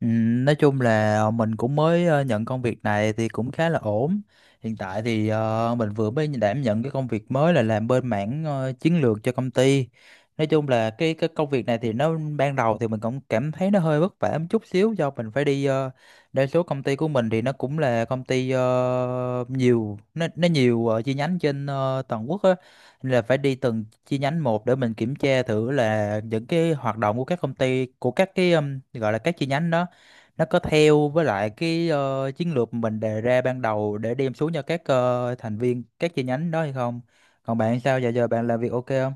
Ừ, nói chung là mình cũng mới nhận công việc này thì cũng khá là ổn. Hiện tại thì mình vừa mới đảm nhận cái công việc mới là làm bên mảng chiến lược cho công ty. Nói chung là cái công việc này thì nó ban đầu thì mình cũng cảm thấy nó hơi vất vả một chút xíu do mình phải đi đa số công ty của mình thì nó cũng là công ty nhiều nó nhiều chi nhánh trên toàn quốc á, nên là phải đi từng chi nhánh một để mình kiểm tra thử là những cái hoạt động của các công ty của các cái, gọi là các chi nhánh đó nó có theo với lại cái chiến lược mình đề ra ban đầu để đem xuống cho các thành viên các chi nhánh đó hay không. Còn bạn sao giờ giờ bạn làm việc ok không?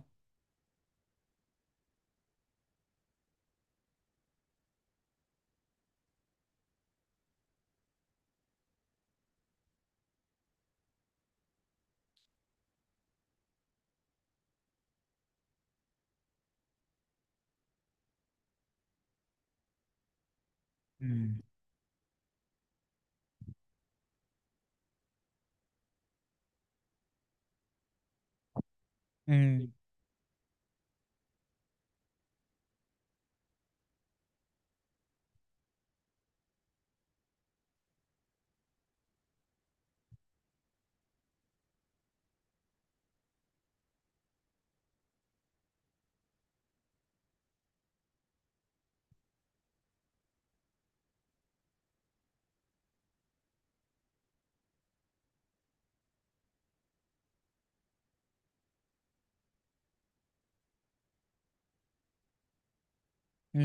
Ừ. Ừ, ừ,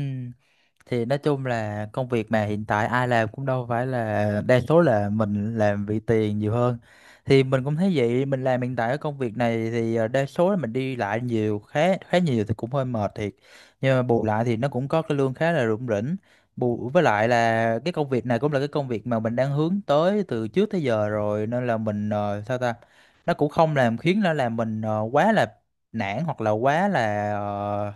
thì nói chung là công việc mà hiện tại ai làm cũng đâu phải, là đa số là mình làm vì tiền nhiều hơn. Thì mình cũng thấy vậy. Mình làm hiện tại ở công việc này thì đa số là mình đi lại nhiều, khá khá nhiều thì cũng hơi mệt thiệt. Nhưng mà bù lại thì nó cũng có cái lương khá là rủng rỉnh. Bù với lại là cái công việc này cũng là cái công việc mà mình đang hướng tới từ trước tới giờ rồi, nên là mình sao ta, nó cũng không làm khiến nó làm mình quá là nản hoặc là quá là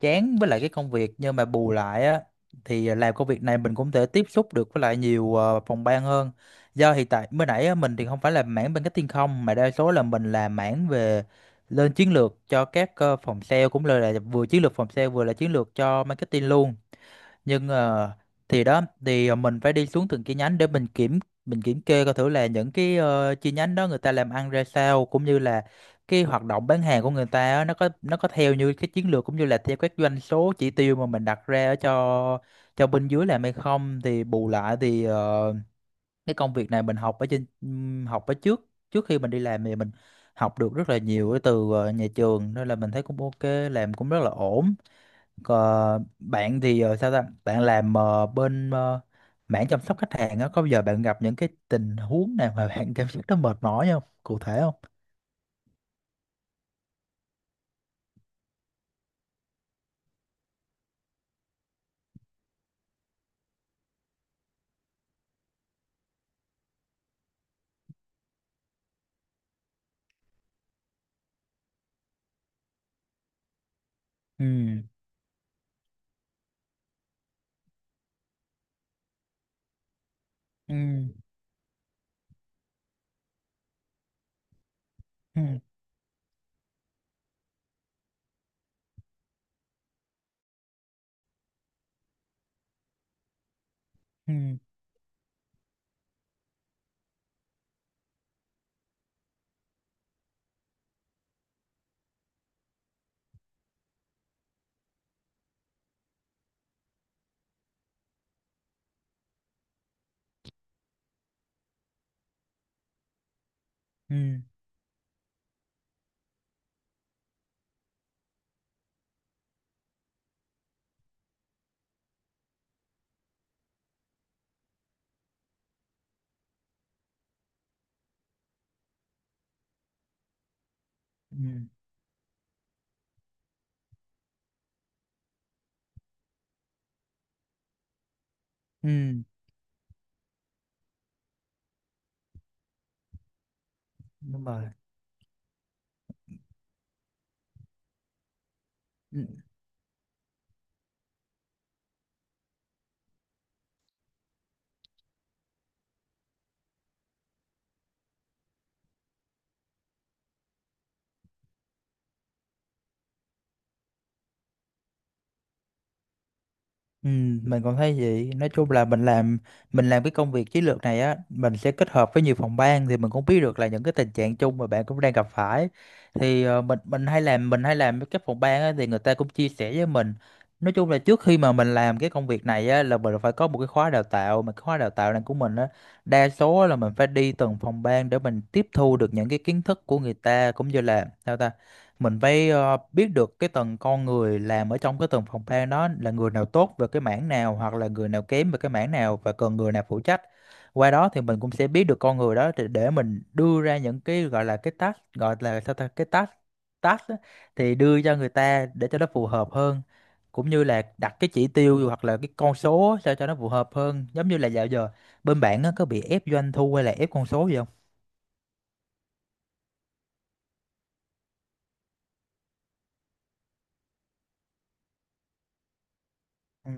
chán với lại cái công việc. Nhưng mà bù lại á, thì làm công việc này mình cũng thể tiếp xúc được với lại nhiều phòng ban hơn. Do hiện tại mới nãy á, mình thì không phải là mảng bên cái thiên không mà đa số là mình làm mảng về lên chiến lược cho các phòng sale, cũng là vừa chiến lược phòng sale vừa là chiến lược cho marketing luôn. Nhưng thì đó, thì mình phải đi xuống từng chi nhánh để mình kiểm kê coi thử là những cái chi nhánh đó người ta làm ăn ra sao, cũng như là cái hoạt động bán hàng của người ta á, nó có theo như cái chiến lược cũng như là theo các doanh số chỉ tiêu mà mình đặt ra ở cho bên dưới làm hay không. Thì bù lại thì cái công việc này mình học ở trên, học ở trước trước khi mình đi làm thì mình học được rất là nhiều từ nhà trường, nên là mình thấy cũng ok, làm cũng rất là ổn. Còn bạn thì sao ta? Bạn làm bên mảng chăm sóc khách hàng á, có bao giờ bạn gặp những cái tình huống nào mà bạn cảm giác nó mệt mỏi không? Cụ thể không? Ừ, ừ, ừ, ừ, ừ, ừ, ừ, đúng rồi. Ừ, mình cũng thấy vậy. Nói chung là mình làm cái công việc chiến lược này á, mình sẽ kết hợp với nhiều phòng ban thì mình cũng biết được là những cái tình trạng chung mà bạn cũng đang gặp phải. Thì mình hay làm với các phòng ban á thì người ta cũng chia sẻ với mình. Nói chung là trước khi mà mình làm cái công việc này á là mình phải có một cái khóa đào tạo, mà cái khóa đào tạo này của mình á, đa số là mình phải đi từng phòng ban để mình tiếp thu được những cái kiến thức của người ta, cũng như là sao ta, mình phải biết được cái tầng con người làm ở trong cái tầng phòng ban đó là người nào tốt về cái mảng nào hoặc là người nào kém về cái mảng nào và cần người nào phụ trách. Qua đó thì mình cũng sẽ biết được con người đó để mình đưa ra những cái gọi là cái task, gọi là sao ta, cái task task á, thì đưa cho người ta để cho nó phù hợp hơn. Cũng như là đặt cái chỉ tiêu hoặc là cái con số sao cho nó phù hợp hơn. Giống như là dạo giờ bên bạn á, có bị ép doanh thu hay là ép con số gì không? Ừ.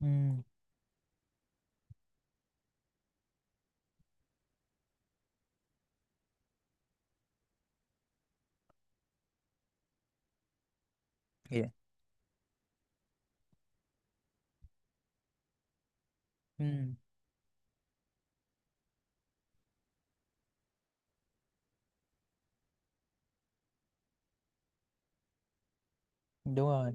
Ừ. Dạ. Ừ. Đúng rồi.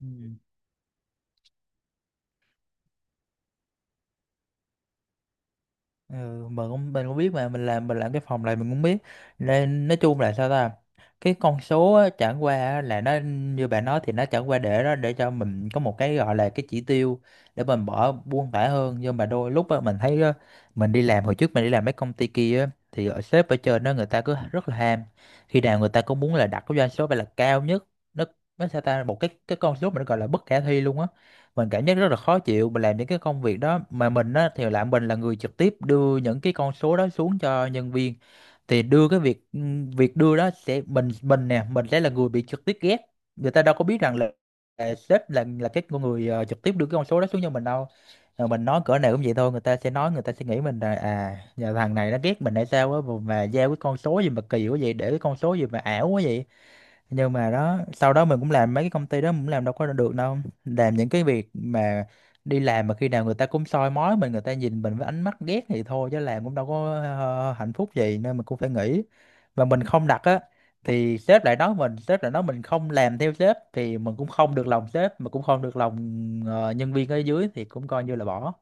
Ừ. Ừ, mình cũng biết mà mình làm cái phòng này, mình cũng biết, nên nói chung là sao ta, cái con số á, chẳng qua á, là nó như bạn nói, thì nó chẳng qua để đó để cho mình có một cái gọi là cái chỉ tiêu, để mình bỏ buông thả hơn. Nhưng mà đôi lúc á, mình thấy á, mình đi làm hồi trước, mình đi làm mấy công ty kia á, thì ở sếp ở trên đó người ta cứ rất là ham. Khi nào người ta cũng muốn là đặt cái doanh số phải là cao nhất. Nó nó sao ta, một cái con số mà nó gọi là bất khả thi luôn á. Mình cảm giác rất là khó chịu. Mình làm những cái công việc đó mà mình á thì là mình là người trực tiếp đưa những cái con số đó xuống cho nhân viên. Thì đưa cái việc, ừ, việc đưa đó sẽ, mình nè, mình sẽ là người bị trực tiếp ghét. Người ta đâu có biết rằng là sếp, là cái con người trực tiếp đưa cái con số đó xuống cho mình đâu. Mình nói cỡ nào cũng vậy thôi, người ta sẽ nói, người ta sẽ nghĩ mình là, à, nhà thằng này nó ghét mình hay sao á, mà giao cái con số gì mà kỳ quá vậy, để cái con số gì mà ảo quá vậy. Nhưng mà đó, sau đó mình cũng làm mấy cái công ty đó, mình cũng làm đâu có được đâu. Làm những cái việc mà đi làm mà khi nào người ta cũng soi mói mình, người ta nhìn mình với ánh mắt ghét thì thôi, chứ làm cũng đâu có hạnh phúc gì, nên mình cũng phải nghỉ. Và mình không đặt á, thì sếp lại nói mình không làm theo sếp, thì mình cũng không được lòng sếp mà cũng không được lòng nhân viên ở dưới, thì cũng coi như là bỏ.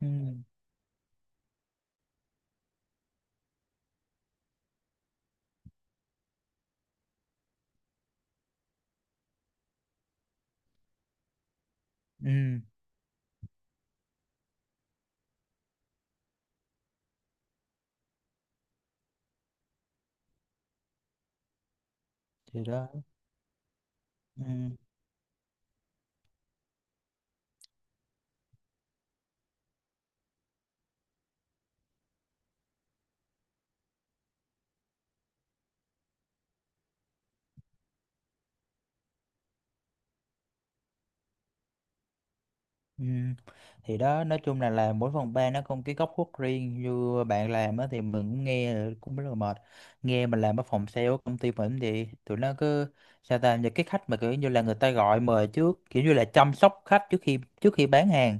Ừ, ừ. Thì đó. Ừ. Ừ. Thì đó, nói chung là làm mỗi phòng ban nó có một cái góc khuất riêng. Như bạn làm á thì mình cũng nghe là cũng rất là mệt. Nghe mình làm ở phòng sale ở công ty mình thì tụi nó cứ sao ta, những cái khách mà kiểu như là người ta gọi mời trước, kiểu như là chăm sóc khách trước khi bán hàng,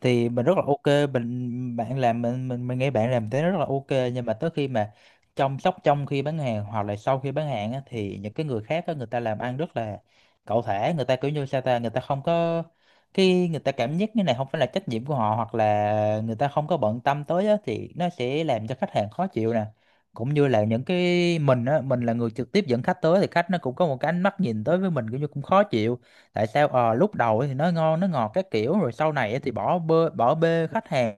thì mình rất là ok. Mình bạn làm, mình nghe bạn làm thế rất là ok. Nhưng mà tới khi mà chăm sóc trong khi bán hàng hoặc là sau khi bán hàng á, thì những cái người khác á, người ta làm ăn rất là cẩu thả, người ta kiểu như sao ta, người ta không có, khi người ta cảm giác như này không phải là trách nhiệm của họ hoặc là người ta không có bận tâm tới á, thì nó sẽ làm cho khách hàng khó chịu nè. Cũng như là những cái mình á, mình là người trực tiếp dẫn khách tới thì khách nó cũng có một cái ánh mắt nhìn tới với mình cũng như cũng khó chịu. Tại sao lúc đầu thì nó ngon nó ngọt các kiểu, rồi sau này thì bỏ bê, bỏ bê khách hàng,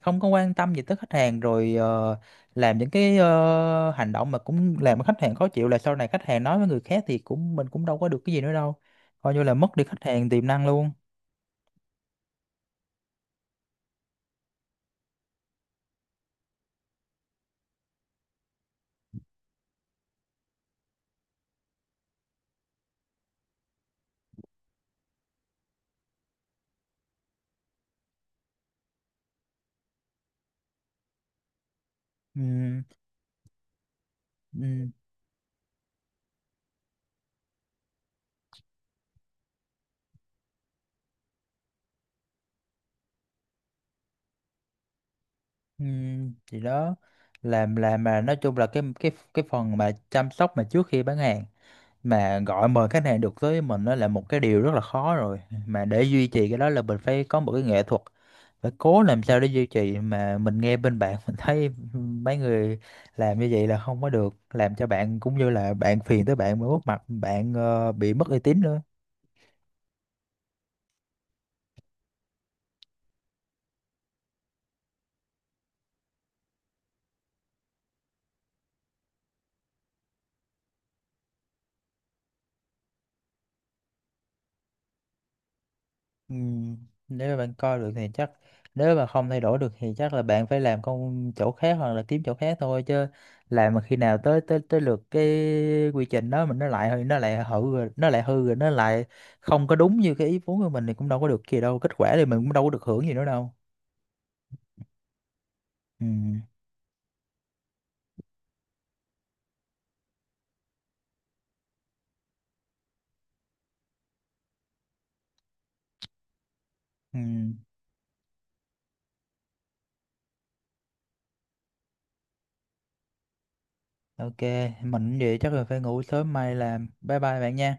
không có quan tâm gì tới khách hàng, rồi làm những cái hành động mà cũng làm cho khách hàng khó chịu, là sau này khách hàng nói với người khác thì cũng mình cũng đâu có được cái gì nữa đâu, coi như là mất đi khách hàng tiềm năng luôn. Ừ, ừ, ừ, thì đó. Làm mà nói chung là cái phần mà chăm sóc mà trước khi bán hàng, mà gọi mời khách hàng được tới mình, đó là một cái điều rất là khó rồi. Mà để duy trì cái đó là mình phải có một cái nghệ thuật, phải cố làm sao để duy trì. Mà mình nghe bên bạn mình thấy mấy người làm như vậy là không có được, làm cho bạn cũng như là bạn, phiền tới bạn mà mất mặt bạn, bị mất uy tín nữa. Ừ, nếu mà bạn coi được thì chắc, nếu mà không thay đổi được thì chắc là bạn phải làm công chỗ khác hoặc là kiếm chỗ khác thôi chứ. Làm mà khi nào tới tới tới lượt cái quy trình đó mình, nó lại hư rồi, nó lại hư rồi, nó lại không có đúng như cái ý muốn của mình thì cũng đâu có được gì đâu, kết quả thì mình cũng đâu có được hưởng gì nữa đâu. Ừ, ừ, ok. Mình vậy chắc là phải ngủ sớm mai làm. Bye bye bạn nha.